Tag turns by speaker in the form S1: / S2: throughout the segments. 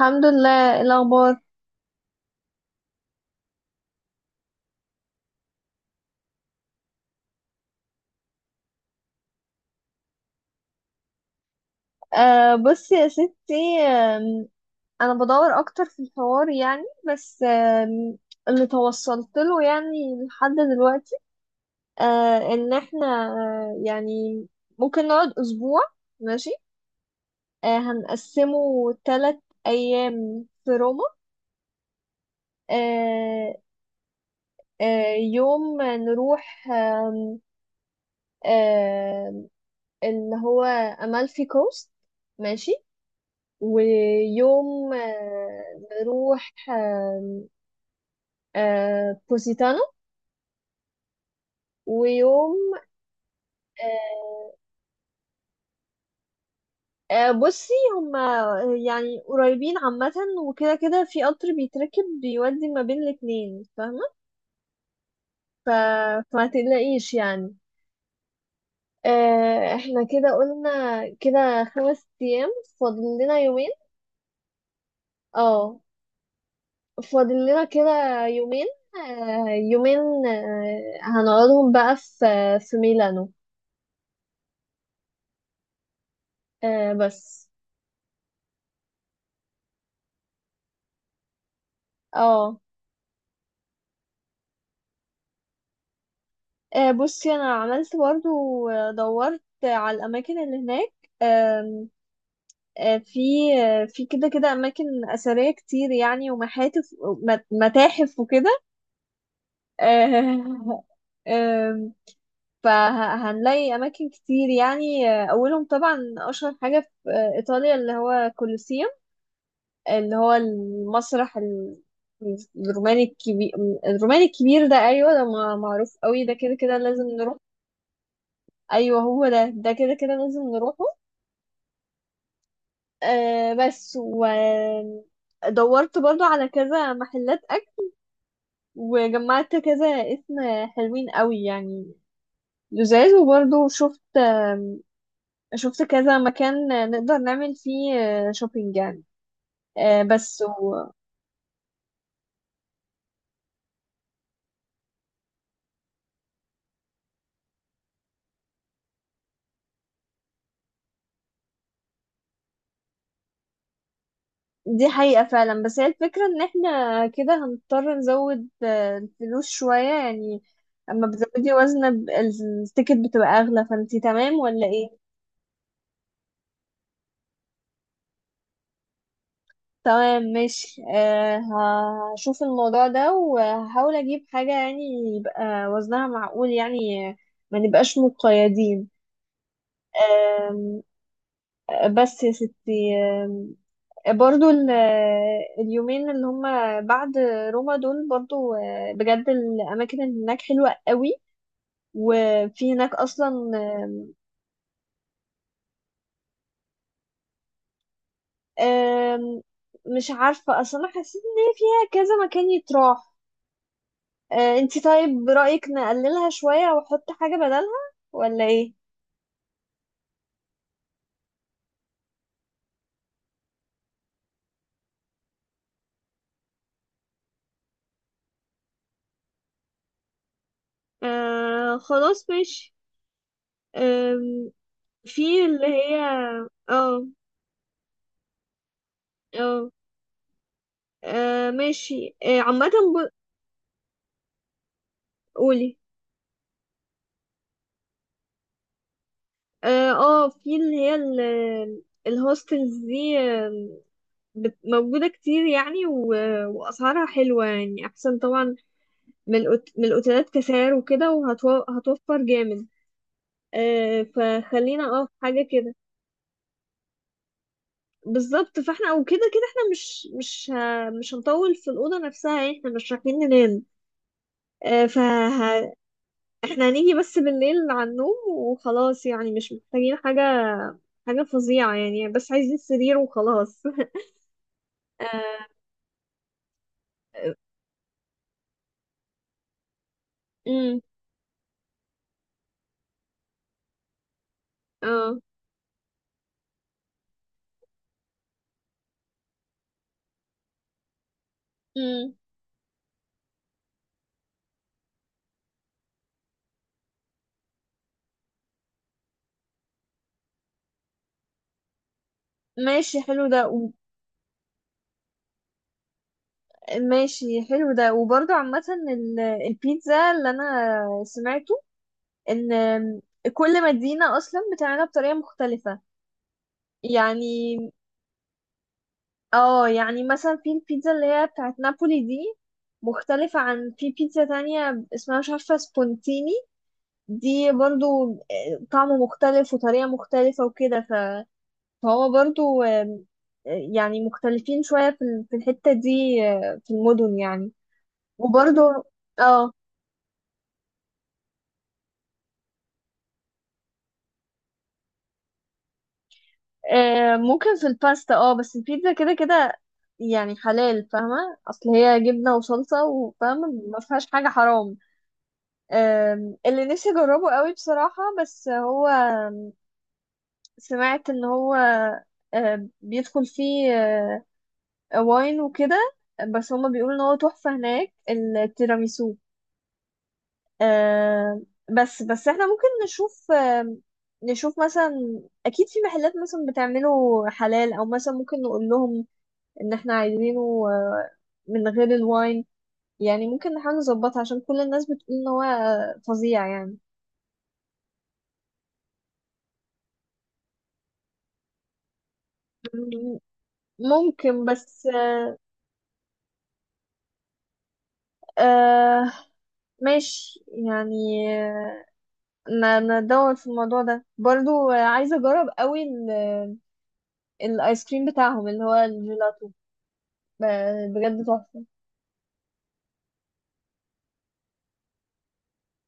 S1: الحمد لله. إيه الاخبار؟ بصي يا ستي، انا بدور اكتر في الحوار يعني. بس اللي توصلت له يعني لحد دلوقتي ان احنا يعني ممكن نقعد اسبوع. ماشي. هنقسمه 3 ايام في روما. آه يوم نروح آم، آم، اللي هو امالفي كوست. ماشي. ويوم نروح بوسيتانو. ويوم آه، بصي هما يعني قريبين عامة. وكده كده في قطر بيتركب بيودي ما بين الاتنين، فاهمة. ف... فما تقلقيش يعني. احنا كده قلنا كده 5 أيام، فاضل لنا يومين. اه، فاضل لنا كده يومين. آه، يومين هنقعدهم بقى في ميلانو. بس. اه، بصي انا عملت برضه، دورت على الاماكن اللي هناك. آم، آه، في في كده كده اماكن اثريه كتير يعني، ومحاتف، متاحف وكده. آه، آم، فهنلاقي اماكن كتير يعني. اولهم طبعا اشهر حاجه في ايطاليا، اللي هو كولوسيوم، اللي هو المسرح الروماني الكبير، الروماني الكبير ده. ايوه ده معروف قوي، ده كده كده لازم نروح. ايوه هو ده، ده كده كده لازم نروحه. بس ودورت برضه على كذا محلات اكل، وجمعت كذا اسم حلوين قوي يعني لزاز. وبرضه شفت شفت كذا مكان نقدر نعمل فيه شوبينج يعني. بس دي حقيقة فعلا، بس هي الفكرة ان احنا كده هنضطر نزود الفلوس شوية يعني. اما بتزودي وزنة التيكت بتبقى اغلى، فانتي تمام ولا ايه؟ تمام، ماشي. أه، هشوف الموضوع ده وهحاول اجيب حاجة يعني يبقى وزنها معقول، يعني ما نبقاش مقيدين. آم، آه، بس يا ستي، برضو اليومين اللي هما بعد روما دول، برضو بجد الأماكن اللي هناك حلوة قوي، وفي هناك أصلا. آم، آم، مش عارفة أصلا، أنا حسيت إن هي فيها كذا مكان يتراح. انتي طيب رأيك نقللها شوية واحط حاجة بدلها، ولا ايه؟ آه خلاص، ماشي. آم، في اللي هي. اه. اه، ماشي. عامة قولي. اه، في اللي هي الهوستلز دي، موجودة كتير يعني، وأسعارها حلوة يعني، أحسن طبعا من من الأوتيلات كسعر وكده، وهتوفر جامد. فخلينا اه في حاجة كده. بالظبط، فاحنا وكده كده كده احنا مش مش هنطول في الأوضة نفسها يعني، احنا مش رايحين ننام. آه، ف ه- احنا هنيجي بس بالليل على النوم وخلاص يعني، مش محتاجين حاجة فظيعة يعني، بس عايزين سرير وخلاص. آه، امم. اه. امم. ماشي حلو ده ماشي حلو ده. وبرضه عامة البيتزا اللي أنا سمعته إن كل مدينة أصلا بتعملها بطريقة مختلفة يعني. اه يعني مثلا في البيتزا اللي هي بتاعت نابولي دي، مختلفة عن في بيتزا تانية اسمها مش عارفة سبونتيني. دي برضو طعم مختلف وطريقة مختلفة وكده. فهو برضو آم، آه، يعني مختلفين شوية في في الحتة دي، في المدن يعني. وبرضو اه، ممكن في الباستا، اه بس البيتزا كده كده يعني حلال، فاهمة، اصل هي جبنة وصلصة، وفاهمة ما فيهاش حاجة حرام. اللي نفسي اجربه قوي بصراحة، بس هو سمعت ان هو بيدخل فيه واين وكده، بس هما بيقولوا ان هو تحفة هناك، التيراميسو. أم، بس بس احنا ممكن نشوف نشوف مثلا اكيد في محلات مثلا بتعمله حلال، او مثلا ممكن نقول لهم ان احنا عايزينه أه، من غير الواين، يعني ممكن نحاول نظبطها، عشان كل الناس بتقول ان هو فظيع يعني. ممكن، بس آه ماشي يعني. ندور في الموضوع ده برضو. عايزة أجرب قوي الآيس كريم بتاعهم اللي هو الجيلاتو، بجد تحفة.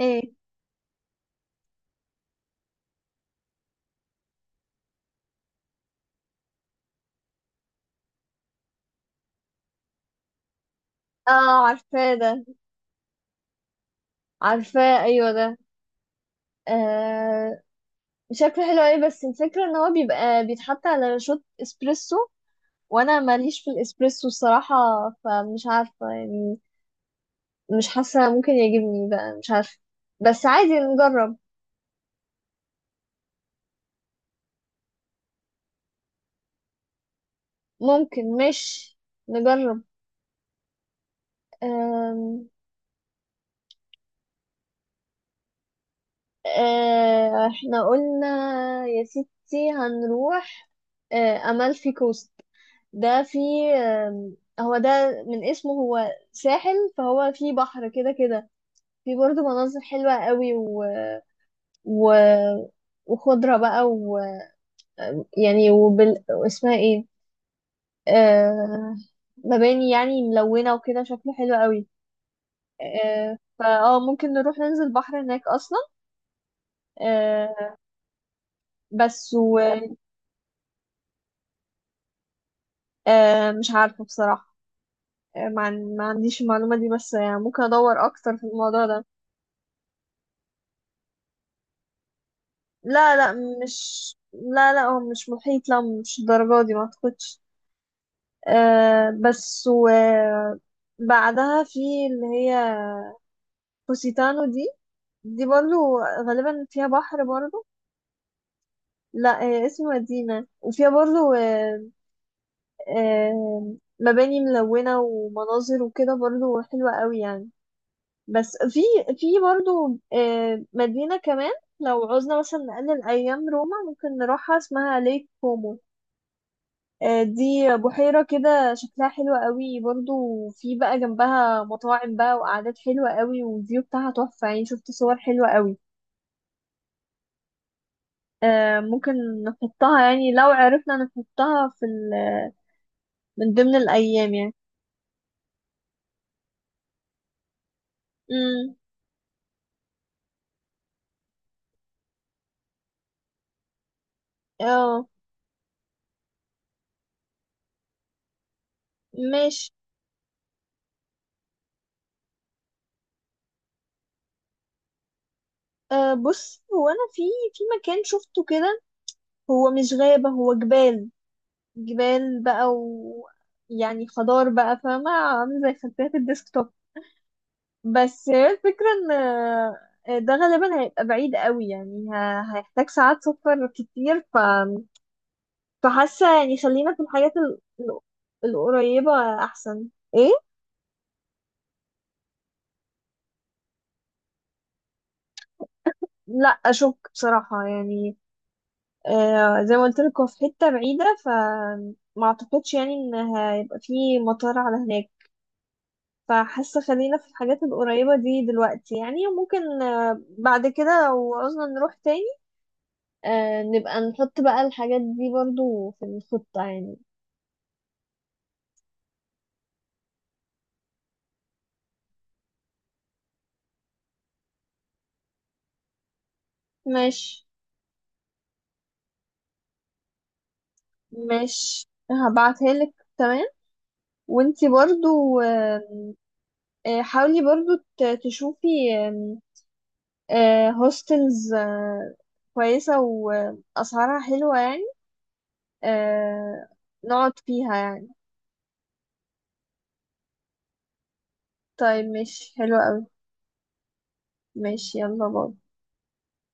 S1: ايه، اه عارفاه ده، عارفاه أيوه ده. آه شكله حلو أوي، بس الفكرة إن هو بيبقى بيتحط على شوت إسبريسو، وأنا ماليش في الإسبريسو الصراحة. فمش عارفة يعني، مش حاسة ممكن يعجبني، بقى مش عارفة. بس عادي نجرب. ممكن مش نجرب. أم... احنا قلنا يا ستي هنروح أمالفي كوست. ده في هو ده من اسمه هو ساحل، فهو في بحر كده كده. في برضه مناظر حلوة قوي، و... وخضرة بقى. ويعني اسمها ايه، أه... مباني يعني ملونة وكده، شكله حلو قوي. فاه ممكن نروح ننزل بحر هناك أصلا. أه... بس مش عارفة بصراحة، ما عنديش المعلومة دي، بس يعني ممكن أدور أكتر في الموضوع ده. لا لا. مش، لا لا، هو مش محيط، لا مش الدرجة دي، ما أعتقدش. بس و بعدها في اللي هي بوسيتانو دي، دي برضو غالبا فيها بحر برضو. لا اسم مدينة، وفيها برضو آه، مباني ملونة ومناظر وكده برضو حلوة قوي يعني. بس في برضو مدينة كمان، لو عوزنا مثلا نقلل أيام روما ممكن نروحها، اسمها ليك كومو. دي بحيرة كده شكلها حلو قوي برضو. في بقى جنبها مطاعم بقى وقعدات حلوة قوي، والفيو بتاعها تحفة يعني، شفت صور حلوة قوي. ممكن نحطها يعني، لو عرفنا نحطها في من ضمن الأيام يعني. امم. اه، ماشي. بص هو أنا في مكان شفته كده، هو مش غابة هو جبال. جبال بقى، ويعني خضار بقى، فاهمة، عامل زي خلفية الديسكتوب. بس هي الفكرة ان ده غالبا هيبقى بعيد قوي يعني، هيحتاج ساعات سفر كتير. فحاسة يعني خلينا في الحاجات القريبة أحسن. ايه؟ لا أشك بصراحة يعني. آه زي ما قلت لك، هو في حتة بعيدة، ف ما اعتقدش يعني ان هيبقى في مطار على هناك. فحاسة خلينا في الحاجات القريبة دي دلوقتي يعني، وممكن بعد كده لو عوزنا نروح تاني نبقى نحط بقى الحاجات دي برضو في الخطة يعني. ماشي. ماشي هبعتها لك، تمام. وانتي برضو آم، آه، حاولي برضو تشوفي هوستلز كويسة وأسعارها حلوة يعني، آه، نقعد فيها يعني. طيب ماشي، حلو قوي. ماشي، يلا باي.